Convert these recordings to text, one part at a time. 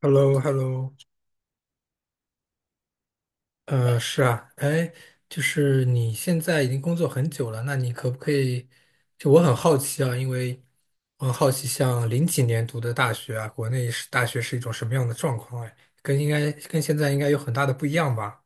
Hello, hello 是啊，哎，就是你现在已经工作很久了，那你可不可以？就我很好奇啊，因为我很好奇，像零几年读的大学啊，国内是大学是一种什么样的状况？哎，跟应该跟现在应该有很大的不一样吧？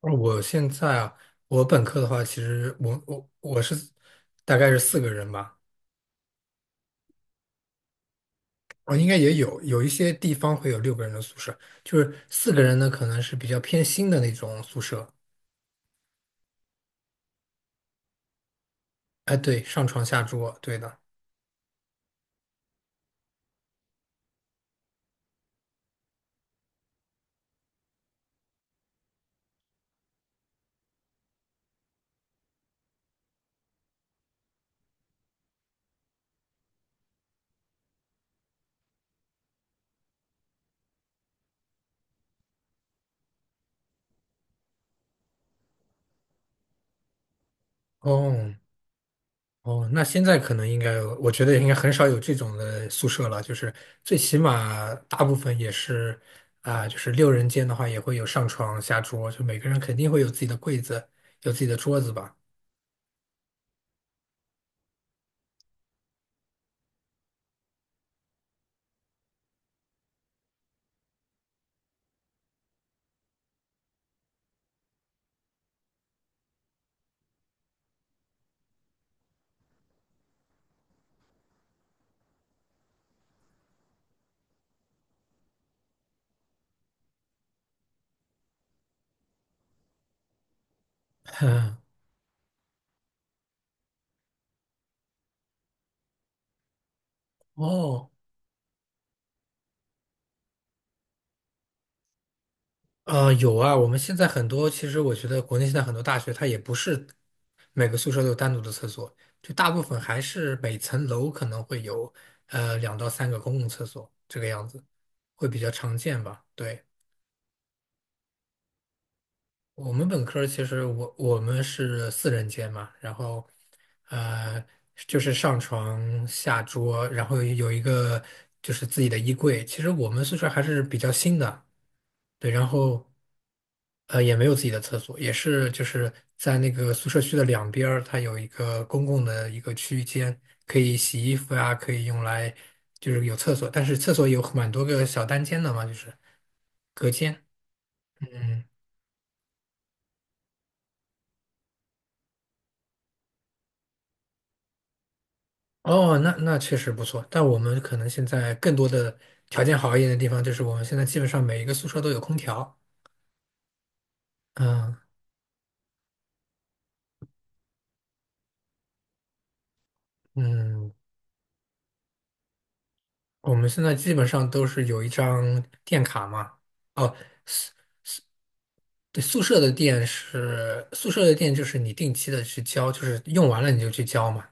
而我现在啊，我本科的话，其实我是大概是四个人吧。我应该也有一些地方会有六个人的宿舍，就是四个人呢，可能是比较偏新的那种宿舍。哎，对，上床下桌，对的。哦哦，那现在可能应该，我觉得应该很少有这种的宿舍了。就是最起码大部分也是啊、就是六人间的话也会有上床下桌，就每个人肯定会有自己的柜子，有自己的桌子吧。哦有啊，我们现在很多，其实我觉得国内现在很多大学它也不是每个宿舍都有单独的厕所，就大部分还是每层楼可能会有2到3个公共厕所这个样子，会比较常见吧？对。我们本科儿其实我们是四人间嘛，然后呃就是上床下桌，然后有一个就是自己的衣柜。其实我们宿舍还是比较新的，对，然后也没有自己的厕所，也是就是在那个宿舍区的两边儿，它有一个公共的一个区间，可以洗衣服呀，可以用来就是有厕所，但是厕所有蛮多个小单间的嘛，就是隔间。嗯。哦，那确实不错，但我们可能现在更多的条件好一点的地方，就是我们现在基本上每一个宿舍都有空调。嗯嗯，我们现在基本上都是有一张电卡嘛。哦，宿对，宿舍的电是宿舍的电，就是你定期的去交，就是用完了你就去交嘛。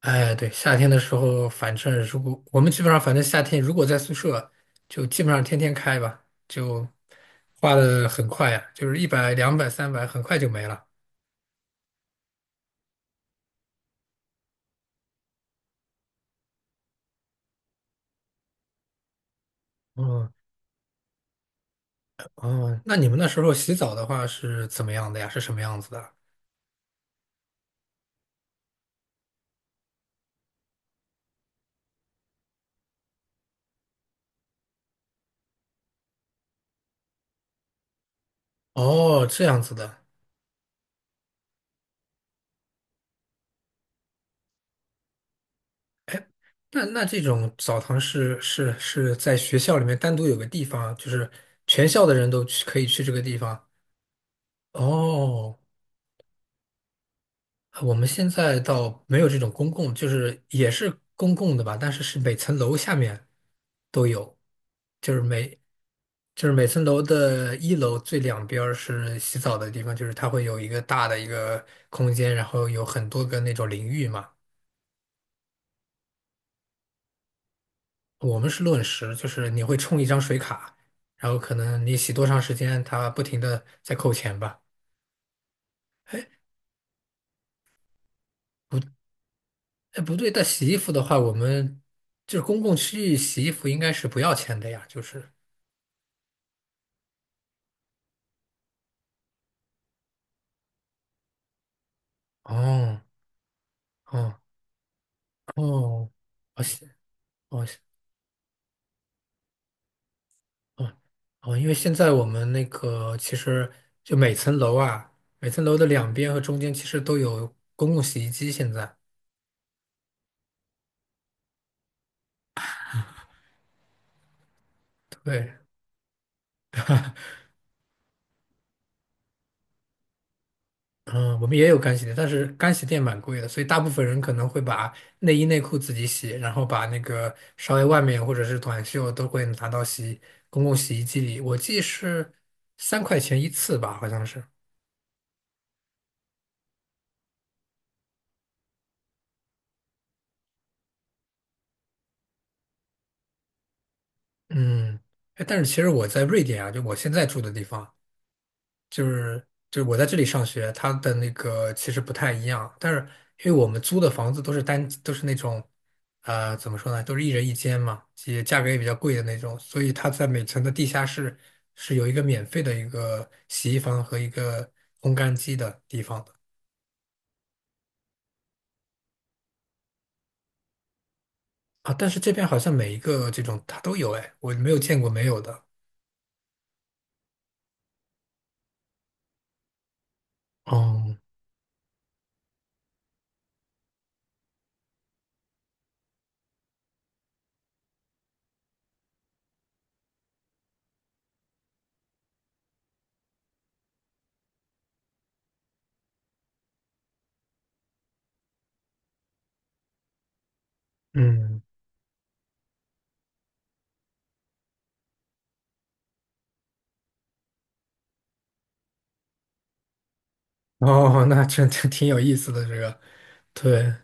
哎，对，夏天的时候，反正如果我们基本上，反正夏天如果在宿舍，就基本上天天开吧，就花的很快呀，就是100、200、300，很快就没了。哦哦，那你们那时候洗澡的话是怎么样的呀？是什么样子的？哦，这样子的。那这种澡堂是在学校里面单独有个地方，就是全校的人可以去这个地方。哦，我们现在倒没有这种公共，就是也是公共的吧，但是是每层楼下面都有，就是每就是每层楼的一楼最两边儿是洗澡的地方，就是它会有一个大的一个空间，然后有很多个那种淋浴嘛。我们是论时，就是你会充一张水卡，然后可能你洗多长时间，它不停的在扣钱吧。哎，不对，但洗衣服的话，我们就是公共区域洗衣服应该是不要钱的呀，就是哦。哦哦，我好我哦哦哦，因为现在我们那个其实就每层楼啊，每层楼的两边和中间其实都有公共洗衣机。现在对，嗯，我们也有干洗店，但是干洗店蛮贵的，所以大部分人可能会把内衣内裤自己洗，然后把那个稍微外面或者是短袖都会拿到洗公共洗衣机里。我记是三块钱一次吧，好像是。嗯，哎但是其实我在瑞典啊，就我现在住的地方。就是我在这里上学，它的那个其实不太一样，但是因为我们租的房子都是那种，怎么说呢，都是一人一间嘛，也价格也比较贵的那种，所以它在每层的地下室是有一个免费的一个洗衣房和一个烘干机的地方的。啊，但是这边好像每一个这种它都有哎，我没有见过没有的。哦，嗯，哦，这挺有意思的这个，对，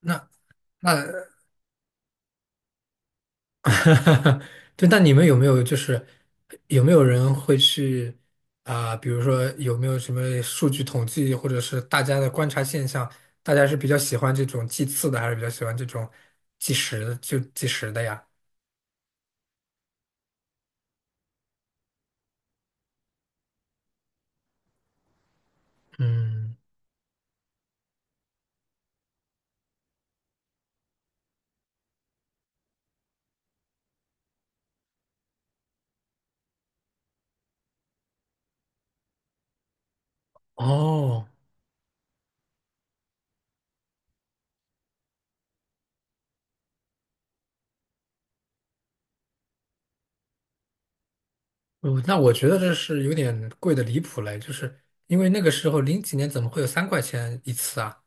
那那 哈哈哈，对，那你们有没有就是有没有人会去啊、比如说有没有什么数据统计，或者是大家的观察现象，大家是比较喜欢这种计次的，还是比较喜欢这种计时的就计时的呀？嗯，哦，我觉得这是有点贵的离谱嘞，就是因为那个时候零几年怎么会有三块钱一次啊？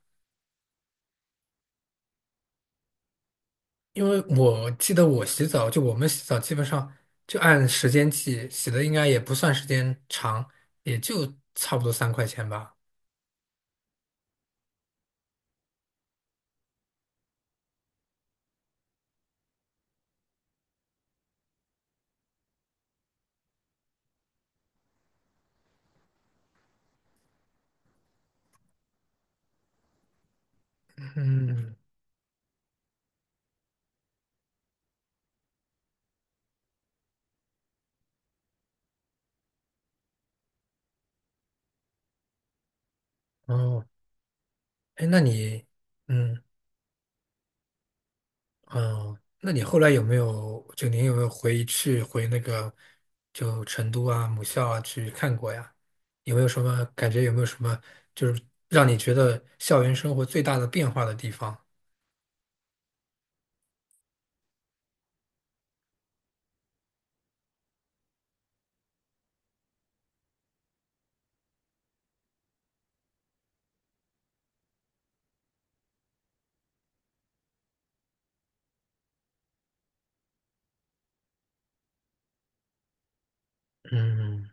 因为我记得我洗澡，就我们洗澡基本上就按时间计，洗的应该也不算时间长，也就差不多三块钱吧。嗯，哦，哎，嗯，哦，那你后来有没有，就您有没有回那个，就成都啊、母校啊去看过呀？有没有什么感觉？有没有什么就是让你觉得校园生活最大的变化的地方？嗯，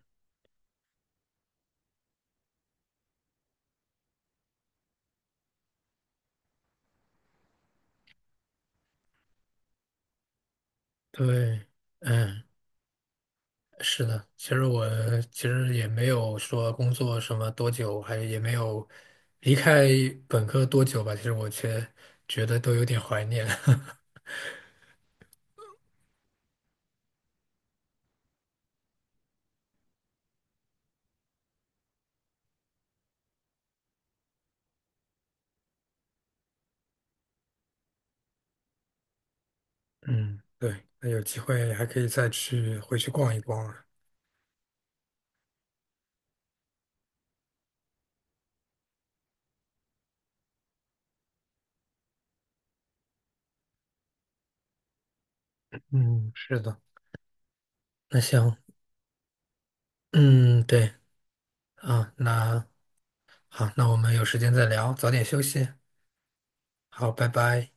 对，嗯。是的，其实也没有说工作什么多久，还也没有离开本科多久吧。其实我却觉得都有点怀念。嗯，对，那有机会还可以再去回去逛一逛啊。嗯，是的。那行，嗯，对啊，那好，那我们有时间再聊，早点休息。好，拜拜。